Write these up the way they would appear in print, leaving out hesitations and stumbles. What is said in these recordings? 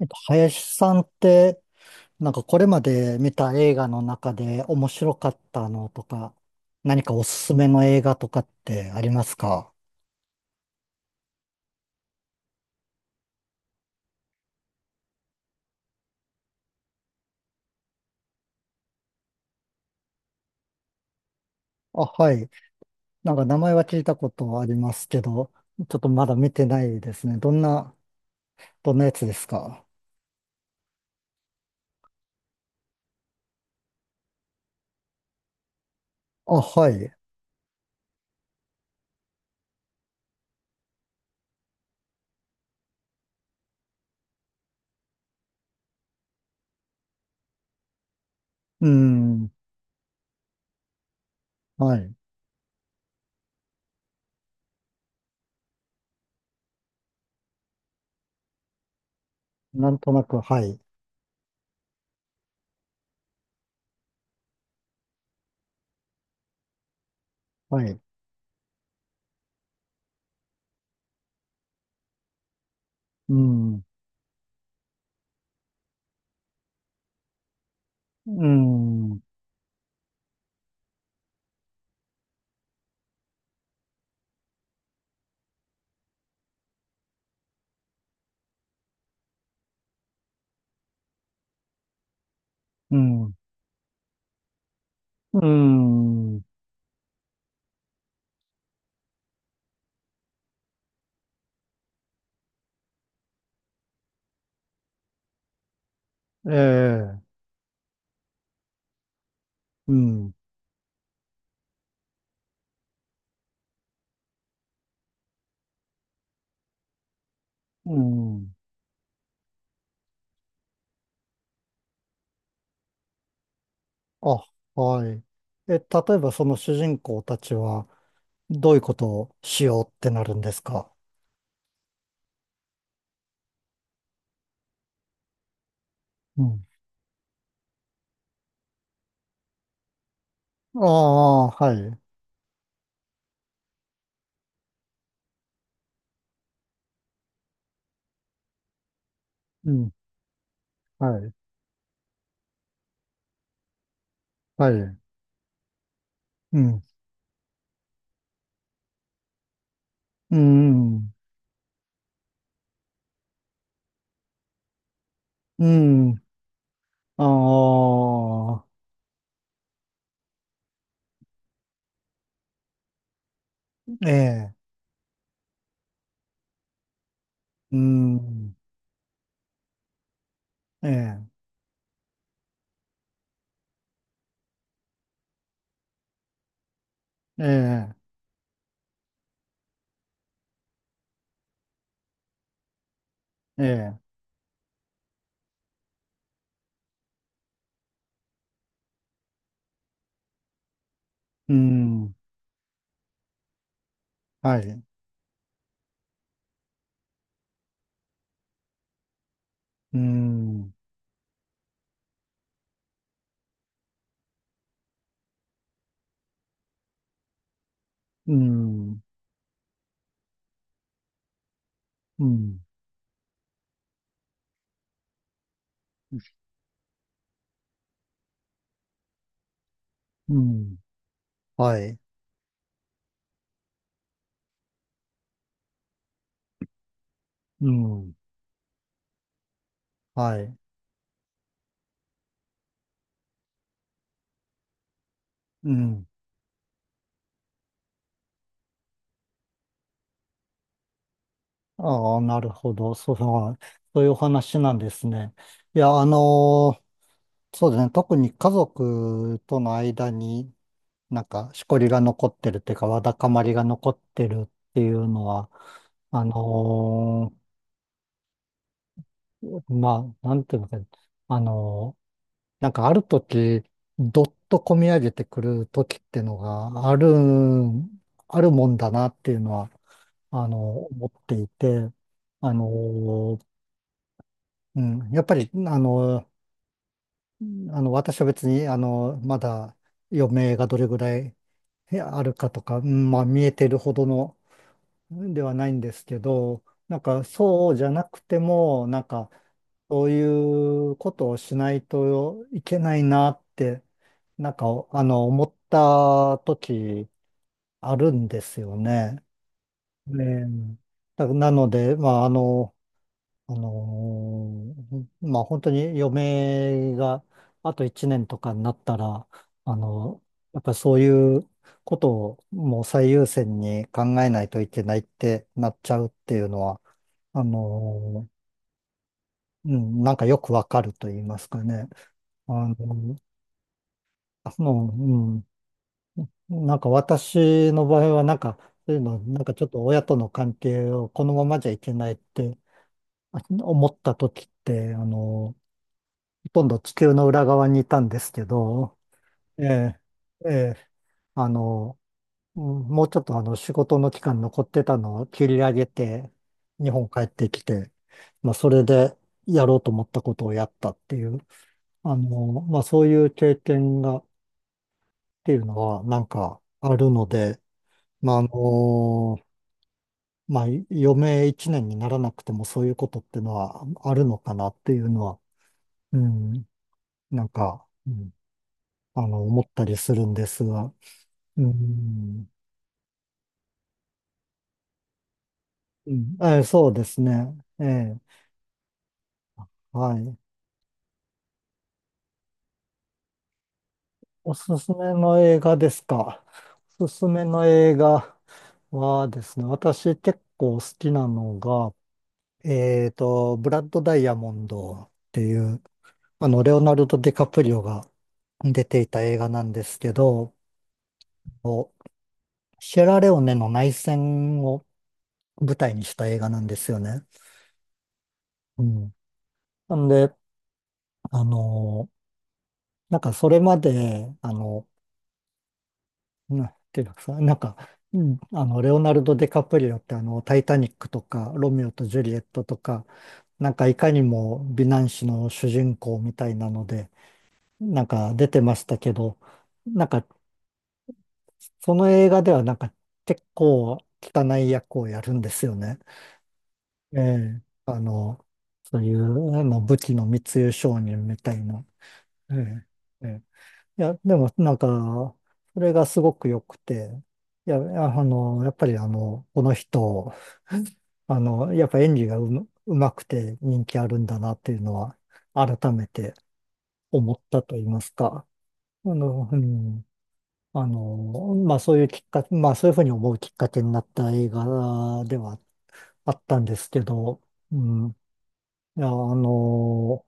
林さんって、なんかこれまで見た映画の中で面白かったのとか、何かおすすめの映画とかってありますか？あ、はい。なんか名前は聞いたことありますけど、ちょっとまだ見てないですね。どんなやつですか？あ、はい。うん。はい。なんとなく、はい。はい。うん。うん。うん。うん。ええ。うん。うん。あ、はい。例えばその主人公たちはどういうことをしようってなるんですか？うん。ああ、はい。うん。はい。はい。うん。うん。うん。ああ、ええ。うん。ええ。ええ。ええ。うん。はい。うん。うん。うん。うん。はい。うん。はい。うん。ああ、なるほど。そういうお話なんですね。いや、そうですね。特に家族との間になんかしこりが残ってるっていうか、わだかまりが残ってるっていうのは、あのまあ、なんていうのか、あのなんかある時、どっとこみ上げてくる時っていうのがあるもんだなっていうのは、あの思っていて、あのうん、やっぱり、私は別に、まだ余命がどれぐらいあるかとか、うん、まあ、見えてるほどのではないんですけど、なんか、そうじゃなくても、なんか、そういうことをしないといけないなって、なんか、思った時あるんですよね。ねえ、なので、まあ、まあ本当に余命があと1年とかになったら、あのやっぱりそういうことをもう最優先に考えないといけないってなっちゃうっていうのは、あのうん、なんかよくわかると言いますかね。あのその、うん、なんか私の場合はなんか、そういうの、なんかちょっと親との関係をこのままじゃいけないって思った時って、ほとんど地球の裏側にいたんですけど、ええ、ええ、あの、うん、もうちょっとあの仕事の期間残ってたのを切り上げて、日本帰ってきて、まあそれでやろうと思ったことをやったっていう、まあそういう経験がっていうのはなんかあるので、まあまあ余命一年にならなくてもそういうことっていうのはあるのかなっていうのは、うん、なんか、うん、思ったりするんですが、うん。うん。そうですね。ええ。はい。おすすめの映画ですか。おすすめの映画はですね、私結構好きなのが、ブラッド・ダイヤモンドっていう、レオナルド・ディカプリオが出ていた映画なんですけど、おシェラレオネの内戦を舞台にした映画なんですよね。うん。なんで、あの、なんかそれまで、なていうかさ、なんか、うん、レオナルド・ディカプリオってタイタニックとか、ロミオとジュリエットとか、なんかいかにも美男子の主人公みたいなので、なんか出てましたけど、なんかその映画ではなんか結構汚い役をやるんですよね。ええ、そういう武器の密輸商人みたいな。ええええ、いや、でもなんか、それがすごく良くて、いや、やっぱりこの人、やっぱ演技がうまくて人気あるんだなっていうのは、改めて思ったと言いますか。うん、まあそういうきっかけ、まあそういうふうに思うきっかけになった映画ではあったんですけど、うん、いや、あの、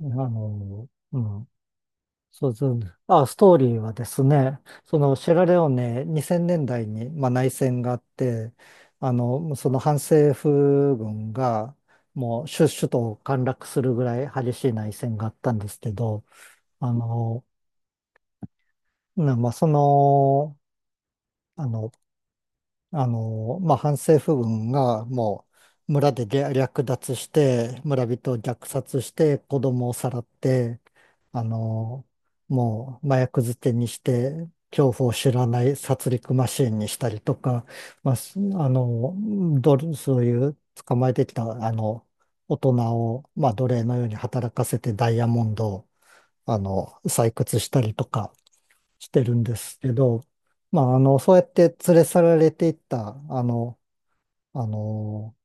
あの、うん、そうですね。あ、ストーリーはですね、そのシェラレオネ2000年代に、まあ、内戦があって、その反政府軍がもう首都を陥落するぐらい激しい内戦があったんですけど、あの、まあ、あの、まあ、反政府軍がもう村で略奪して、村人を虐殺して、子供をさらって、あの、もう麻薬漬けにして、恐怖を知らない殺戮マシーンにしたりとか、まあ、すあの、どれそういう捕まえてきた、大人を、まあ、奴隷のように働かせてダイヤモンドを、採掘したりとか、してるんですけど、まあ、そうやって連れ去られていった、あの、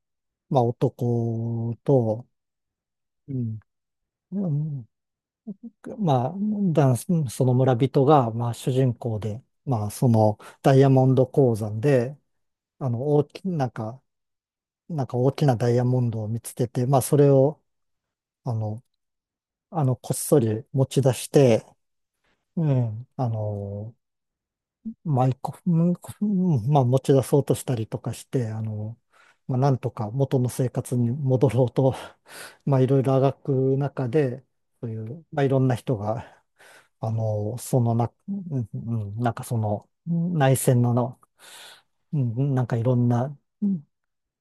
まあ、男と、うん、うん、まあ、男性その村人が、まあ、主人公で、まあ、その、ダイヤモンド鉱山で、あの、大き、なんか、なんか大きなダイヤモンドを見つけて、まあ、それを、あの、こっそり持ち出して、うん、まあ、一個、うん、うん、まあ、持ち出そうとしたりとかして、まあ、なんとか元の生活に戻ろうと、まあ、いろいろあがく中で、そういう、まあ、いろんな人が、あの、そのな、うん、うん、なんかその、内戦の、うん、うん、なんかいろんな、うん、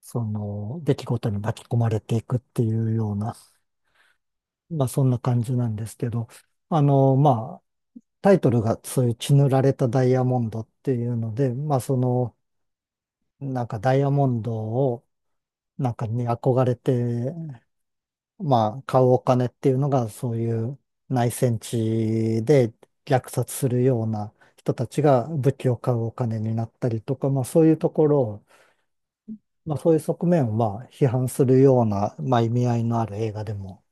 その、出来事に巻き込まれていくっていうような、まあ、そんな感じなんですけど、まあ、タイトルがそういう血塗られたダイヤモンドっていうので、まあ、なんかダイヤモンドを、なんかに憧れて、まあ、買うお金っていうのが、そういう内戦地で虐殺するような人たちが武器を買うお金になったりとか、まあ、そういうところを、まあ、そういう側面を、まあ、批判するような、まあ、意味合いのある映画でも、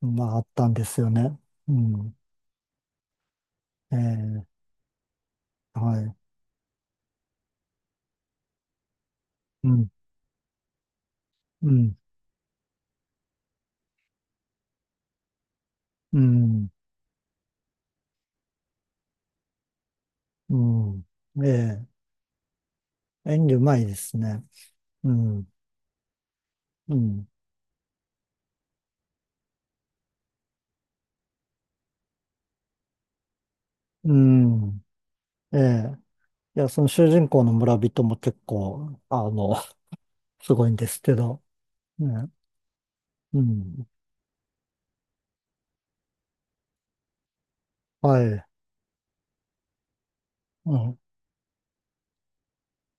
まあ、あったんですよね。うん。ええ。はい。うん。うん。うん。うん。ええ、演技うまいですね。うん。うん。うん。ええ。いや、その主人公の村人も結構、すごいんですけど、ね、うん。はい。うん。